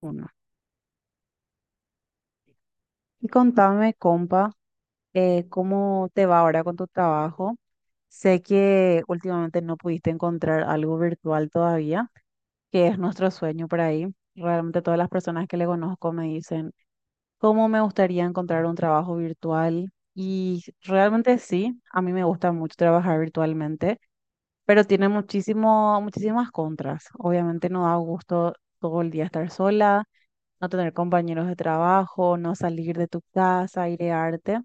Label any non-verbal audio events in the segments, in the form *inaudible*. Uno. Y contame, compa, ¿cómo te va ahora con tu trabajo? Sé que últimamente no pudiste encontrar algo virtual todavía, que es nuestro sueño por ahí. Realmente todas las personas que le conozco me dicen, ¿cómo me gustaría encontrar un trabajo virtual? Y realmente sí, a mí me gusta mucho trabajar virtualmente, pero tiene muchísimas contras. Obviamente no da gusto todo el día estar sola, no tener compañeros de trabajo, no salir de tu casa, airearte.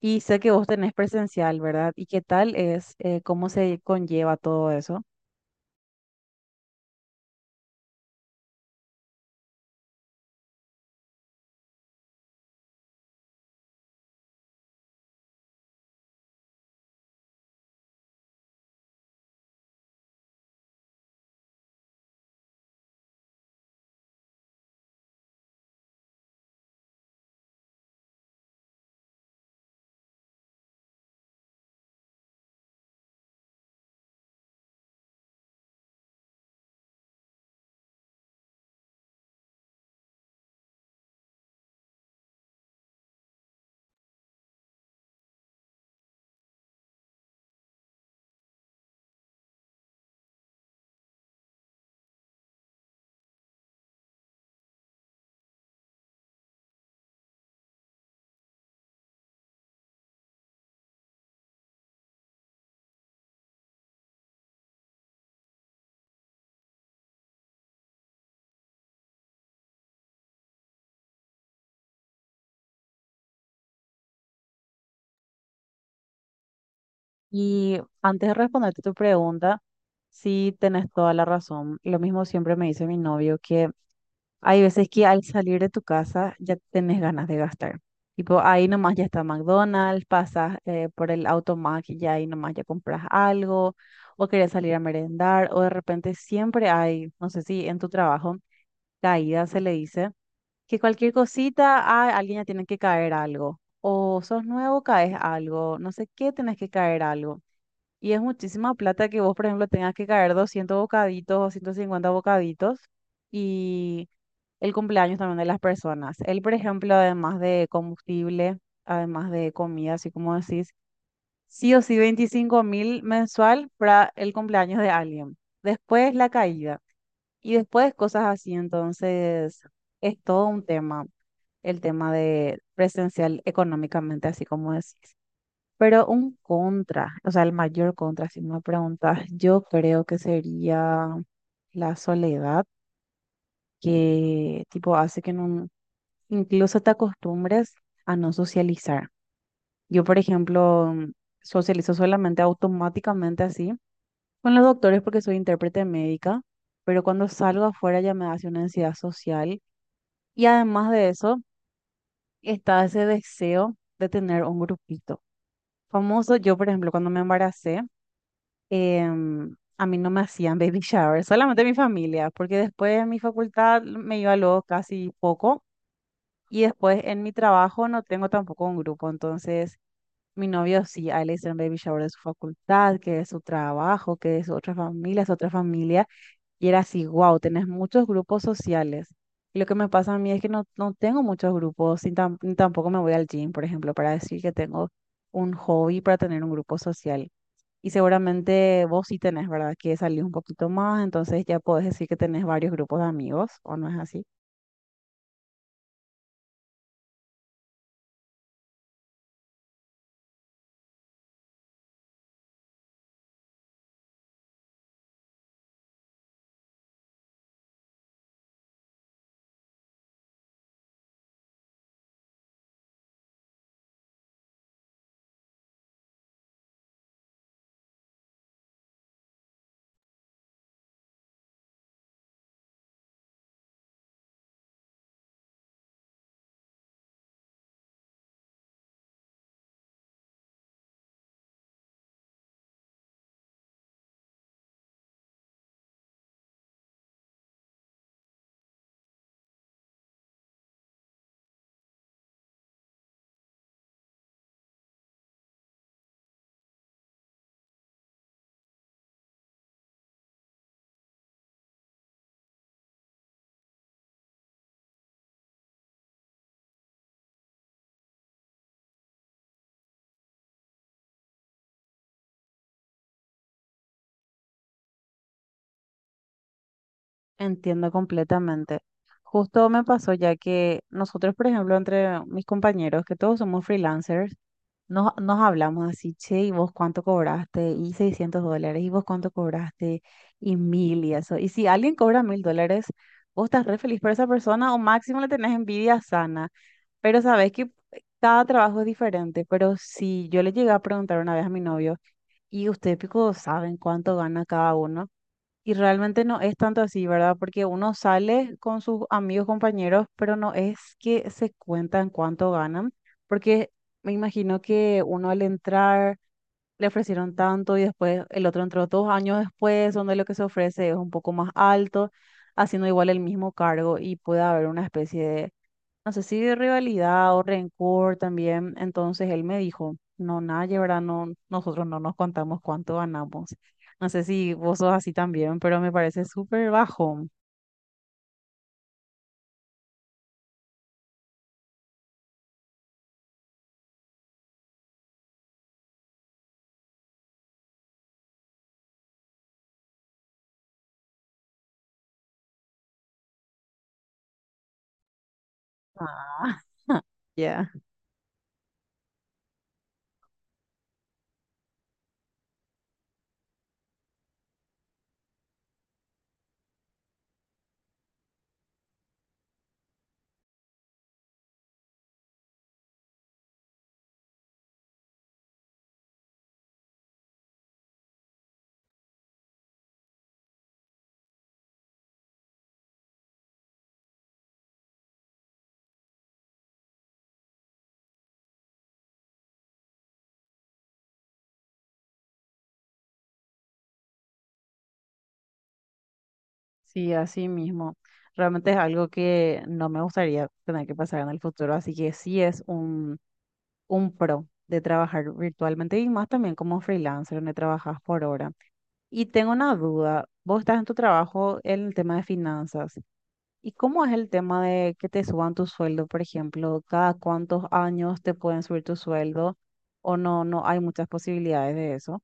Y sé que vos tenés presencial, ¿verdad? ¿Y qué tal es, cómo se conlleva todo eso? Y antes de responderte tu pregunta, sí tenés toda la razón. Lo mismo siempre me dice mi novio que hay veces que al salir de tu casa ya tenés ganas de gastar. Tipo, ahí nomás ya está McDonald's, pasas por el Automac y ya ahí nomás ya compras algo, o querés salir a merendar, o de repente siempre hay, no sé si en tu trabajo, caída se le dice, que cualquier cosita, alguien ya tiene que caer algo, o sos nuevo, caes algo, no sé qué, tenés que caer algo. Y es muchísima plata que vos, por ejemplo, tengas que caer 200 bocaditos o 150 bocaditos y el cumpleaños también de las personas. Él, por ejemplo, además de combustible, además de comida, así como decís, sí o sí 25.000 mensual para el cumpleaños de alguien. Después la caída y después cosas así. Entonces, es todo un tema, el tema de presencial económicamente, así como decís. Pero un contra, o sea, el mayor contra, si me preguntas, yo creo que sería la soledad, que tipo hace que no, incluso te acostumbras a no socializar. Yo, por ejemplo, socializo solamente automáticamente así con los doctores porque soy intérprete médica, pero cuando salgo afuera ya me hace una ansiedad social. Y además de eso, está ese deseo de tener un grupito. Famoso, yo, por ejemplo, cuando me embaracé, a mí no me hacían *laughs* baby shower, solamente mi familia, porque después en mi facultad me iba luego casi poco. Y después en mi trabajo no tengo tampoco un grupo. Entonces mi novio sí, a él le hicieron baby shower de su facultad, que de su trabajo, que de su otra familia, su otra familia. Y era así, wow, tenés muchos grupos sociales. Y lo que me pasa a mí es que no, no tengo muchos grupos, ni tampoco me voy al gym, por ejemplo, para decir que tengo un hobby para tener un grupo social. Y seguramente vos sí tenés, ¿verdad? Que salir un poquito más, entonces ya podés decir que tenés varios grupos de amigos, ¿o no es así? Entiendo completamente. Justo me pasó ya que nosotros, por ejemplo, entre mis compañeros, que todos somos freelancers, nos hablamos así, che, ¿y vos cuánto cobraste? Y $600, ¿y vos cuánto cobraste? Y 1.000 y eso. Y si alguien cobra $1.000, vos estás re feliz por esa persona o máximo le tenés envidia sana. Pero sabés que cada trabajo es diferente. Pero si yo le llegué a preguntar una vez a mi novio, ¿y ustedes, pico, saben cuánto gana cada uno? Y realmente no es tanto así, ¿verdad? Porque uno sale con sus amigos, compañeros, pero no es que se cuentan cuánto ganan, porque me imagino que uno al entrar le ofrecieron tanto y después el otro entró 2 años después, donde lo que se ofrece es un poco más alto, haciendo igual el mismo cargo y puede haber una especie de, no sé si de rivalidad o rencor también. Entonces él me dijo, no, nadie, ¿verdad? No, nosotros no nos contamos cuánto ganamos. No sé si vos sos así también, pero me parece súper bajo. Ah, *laughs* ya. Sí, así mismo. Realmente es algo que no me gustaría tener que pasar en el futuro, así que sí es un pro de trabajar virtualmente y más también como freelancer, donde trabajas por hora. Y tengo una duda, vos estás en tu trabajo en el tema de finanzas. ¿Y cómo es el tema de que te suban tu sueldo, por ejemplo? ¿Cada cuántos años te pueden subir tu sueldo? ¿O no hay muchas posibilidades de eso?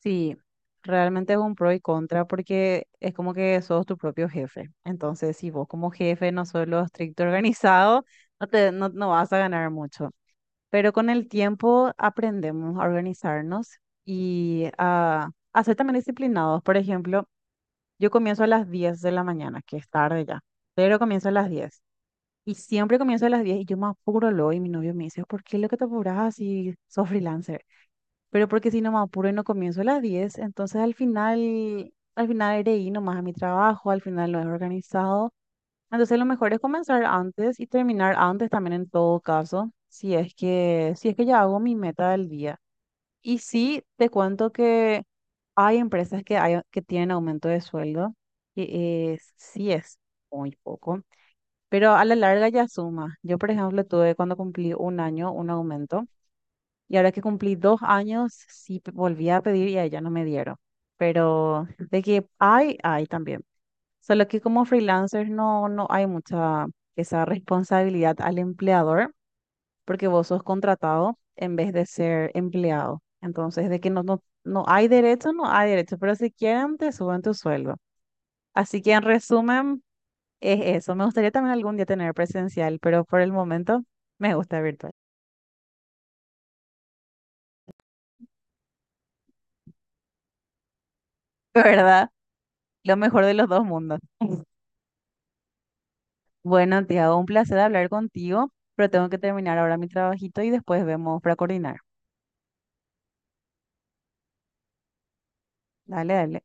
Sí, realmente es un pro y contra porque es como que sos tu propio jefe. Entonces, si vos como jefe no sos lo estricto *laughs* organizado, no te, no, no vas a ganar mucho. Pero con el tiempo aprendemos a organizarnos y a ser también disciplinados. Por ejemplo, yo comienzo a las 10 de la mañana, que es tarde ya. Pero comienzo a las 10. Y siempre comienzo a las 10 y yo me apuro luego y mi novio me dice, ¿por qué lo que te apuras así? Sos freelancer. Pero porque si no me apuro y no comienzo a las 10 entonces al final iré y nomás a mi trabajo, al final lo he organizado. Entonces lo mejor es comenzar antes y terminar antes también en todo caso, si es que, si es que ya hago mi meta del día. Y sí, te cuento que hay empresas que que tienen aumento de sueldo, que es, sí es muy poco, pero a la larga ya suma. Yo, por ejemplo, tuve cuando cumplí un año un aumento y ahora que cumplí 2 años sí volví a pedir y a ella no me dieron. Pero de que hay también. Solo que como freelancer no hay mucha esa responsabilidad al empleador porque vos sos contratado en vez de ser empleado. Entonces, de que no hay derecho, no hay derecho, pero si quieren te suben tu sueldo. Así que en resumen, es eso. Me gustaría también algún día tener presencial, pero por el momento me gusta virtual. *laughs* ¿Verdad? Lo mejor de los dos mundos. Bueno, Tiago, un placer hablar contigo, pero tengo que terminar ahora mi trabajito y después vemos para coordinar. Dale, dale.